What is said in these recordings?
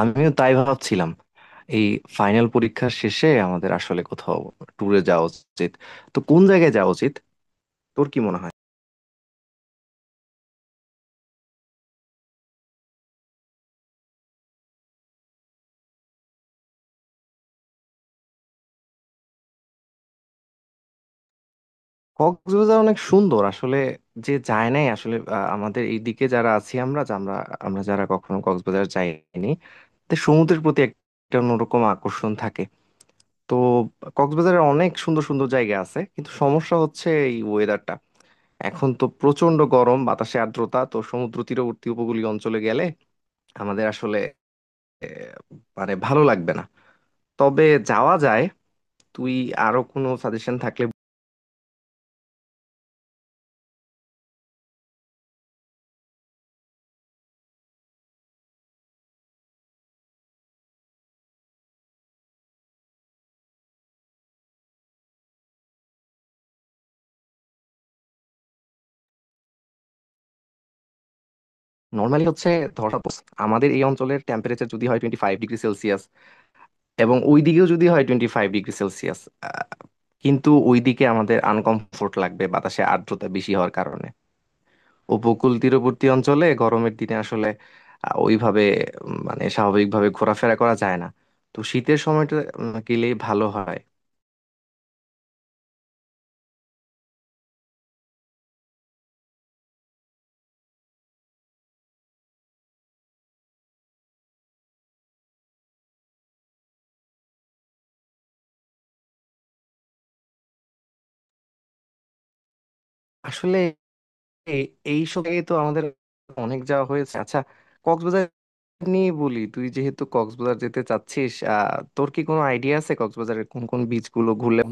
আমিও তাই ভাবছিলাম। এই ফাইনাল পরীক্ষার শেষে আমাদের আসলে কোথাও ট্যুরে যাওয়া উচিত। তো কোন জায়গায় যাওয়া উচিত, তোর কি মনে হয়? কক্সবাজার অনেক সুন্দর আসলে, যে যায় নাই আসলে। আমাদের এই দিকে যারা আছি, আমরা যা- আমরা আমরা যারা কখনো কক্সবাজার যাইনি, তো সমুদ্রের প্রতি একটা অন্যরকম আকর্ষণ থাকে। তো কক্সবাজারে অনেক সুন্দর সুন্দর জায়গা আছে, কিন্তু সমস্যা হচ্ছে এই ওয়েদারটা। এখন তো প্রচন্ড গরম, বাতাসে আর্দ্রতা, তো সমুদ্র তীরবর্তী উপকূলীয় অঞ্চলে গেলে আমাদের আসলে মানে ভালো লাগবে না। তবে যাওয়া যায়। তুই আরো কোনো সাজেশন থাকলে? নর্মালি হচ্ছে, ধর suppose আমাদের এই অঞ্চলের টেম্পারেচার যদি হয় 25 ডিগ্রি সেলসিয়াস, এবং ওই দিকেও যদি হয় 25 ডিগ্রি সেলসিয়াস, কিন্তু ওইদিকে আমাদের আনকমফোর্ট লাগবে বাতাসে আর্দ্রতা বেশি হওয়ার কারণে। উপকূল তীরবর্তী অঞ্চলে গরমের দিনে আসলে ওইভাবে মানে স্বাভাবিকভাবে ঘোরাফেরা করা যায় না। তো শীতের সময়টা গেলেই ভালো হয়। আসলে এই এইসব জায়গায় তো আমাদের অনেক যাওয়া হয়েছে। আচ্ছা কক্সবাজার নিয়ে বলি, তুই যেহেতু কক্সবাজার যেতে চাচ্ছিস, আহ তোর কি কোনো আইডিয়া আছে কক্সবাজারের কোন কোন বিচ গুলো ঘুরলে?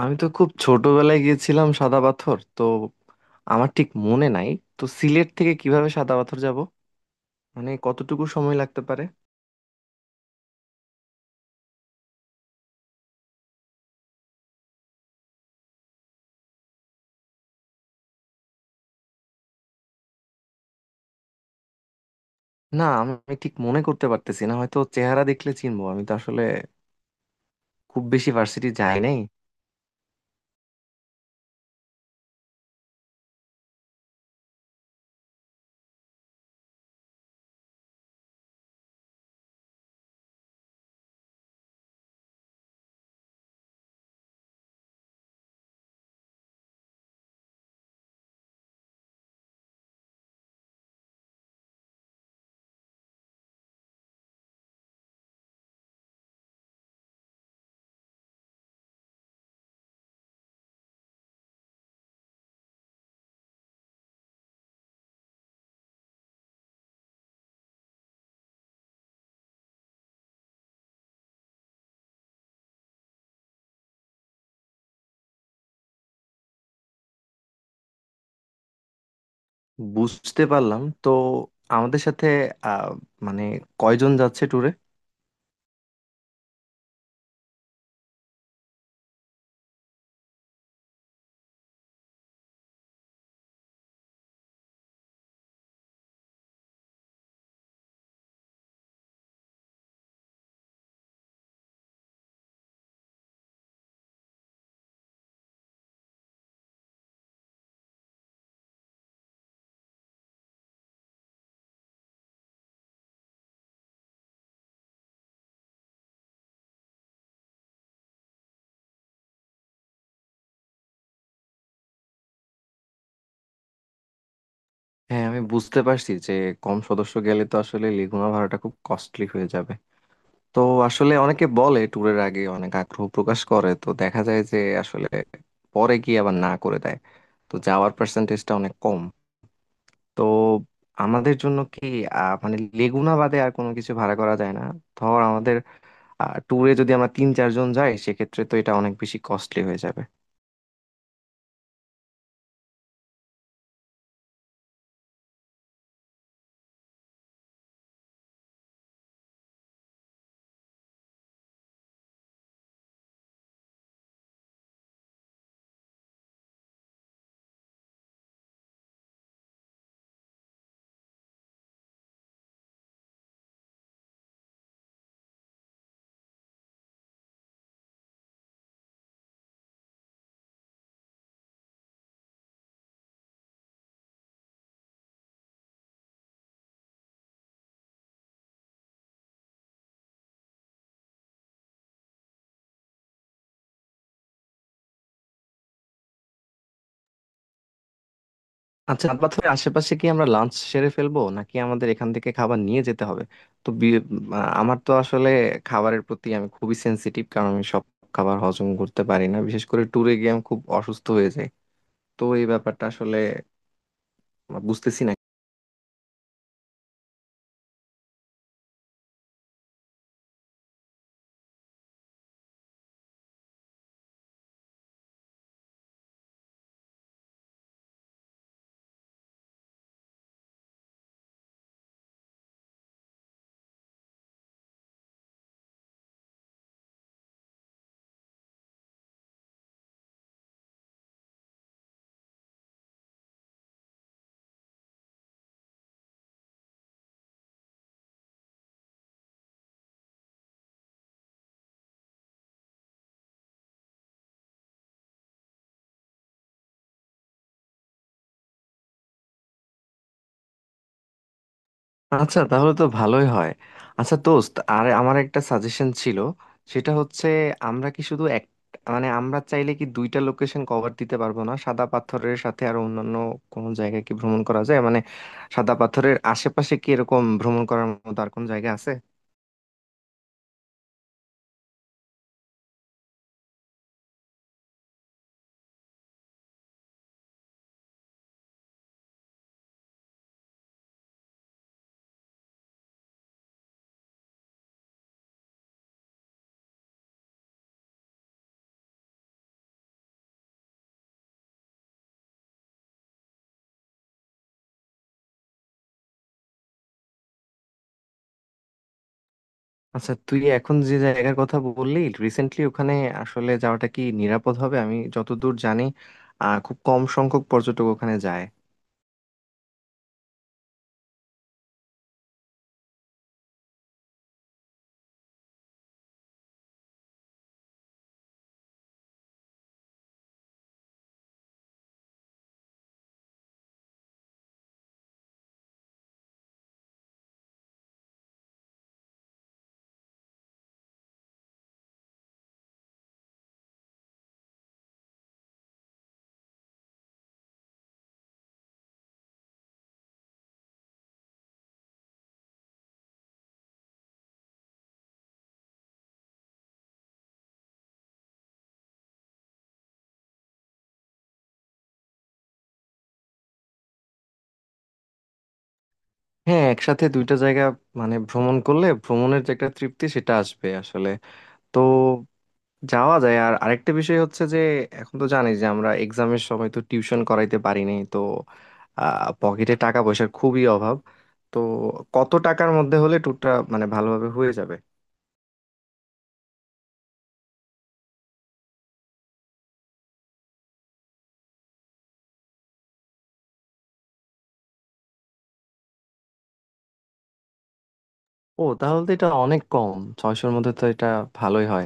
আমি তো খুব ছোটবেলায় গিয়েছিলাম সাদা পাথর, তো আমার ঠিক মনে নাই। তো সিলেট থেকে কিভাবে সাদা পাথর যাব, মানে কতটুকু সময় লাগতে পারে? না আমি ঠিক মনে করতে পারতেছি না, হয়তো চেহারা দেখলে চিনবো। আমি তো আসলে খুব বেশি ভার্সিটি যাই নাই। বুঝতে পারলাম। তো আমাদের সাথে আহ মানে কয়জন যাচ্ছে ট্যুরে? হ্যাঁ আমি বুঝতে পারছি যে কম সদস্য গেলে তো আসলে লিগুনা ভাড়াটা খুব কস্টলি হয়ে যাবে। তো আসলে অনেকে বলে ট্যুরের আগে অনেক আগ্রহ প্রকাশ করে, তো দেখা যায় যে আসলে পরে গিয়ে আবার না করে দেয়। তো যাওয়ার পার্সেন্টেজটা অনেক কম। তো আমাদের জন্য কি মানে লেগুনা বাদে আর কোনো কিছু ভাড়া করা যায় না? ধর আমাদের ট্যুরে যদি আমরা তিন চারজন যাই, সেক্ষেত্রে তো এটা অনেক বেশি কস্টলি হয়ে যাবে। আচ্ছা চাঁদপাথরের আশেপাশে কি আমরা লাঞ্চ সেরে ফেলবো, নাকি আমাদের এখান থেকে খাবার নিয়ে যেতে হবে? তো আমার তো আসলে খাবারের প্রতি আমি খুবই সেনসিটিভ, কারণ আমি সব খাবার হজম করতে পারি না, বিশেষ করে ট্যুরে গিয়ে আমি খুব অসুস্থ হয়ে যাই। তো এই ব্যাপারটা আসলে বুঝতেছি না। আচ্ছা তাহলে তো ভালোই হয়। আচ্ছা দোস্ত, আর আমার একটা সাজেশন ছিল। সেটা হচ্ছে, আমরা কি শুধু এক মানে আমরা চাইলে কি দুইটা লোকেশন কভার দিতে পারবো না? সাদা পাথরের সাথে আর অন্যান্য কোনো জায়গায় কি ভ্রমণ করা যায়, মানে সাদা পাথরের আশেপাশে কি এরকম ভ্রমণ করার মতো আর কোনো জায়গা আছে? আচ্ছা তুই এখন যে জায়গার কথা বললি, রিসেন্টলি ওখানে আসলে যাওয়াটা কি নিরাপদ হবে? আমি যতদূর জানি আহ খুব কম সংখ্যক পর্যটক ওখানে যায়। হ্যাঁ একসাথে দুইটা জায়গা মানে ভ্রমণ করলে ভ্রমণের যে একটা তৃপ্তি, সেটা আসবে আসলে। তো যাওয়া যায়। আর আরেকটা বিষয় হচ্ছে যে এখন তো জানি যে আমরা এক্সামের সময় তো টিউশন করাইতে পারিনি। তো আহ পকেটে টাকা পয়সার খুবই অভাব। তো কত টাকার মধ্যে হলে ট্যুরটা মানে ভালোভাবে হয়ে যাবে? ও তাহলে তো এটা অনেক কম, 600-র মধ্যে তো এটা ভালোই হয়।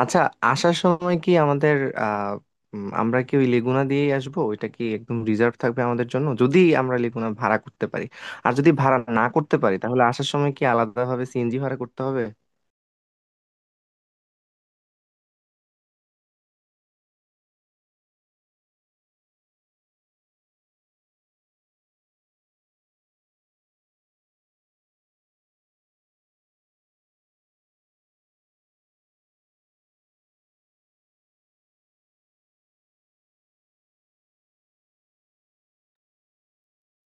আচ্ছা, আসার সময় কি আমাদের আহ আমরা কি ওই লেগুনা দিয়েই আসবো? ওইটা কি একদম রিজার্ভ থাকবে আমাদের জন্য, যদি আমরা লেগুনা ভাড়া করতে পারি? আর যদি ভাড়া না করতে পারি তাহলে আসার সময় কি আলাদাভাবে CNG ভাড়া করতে হবে?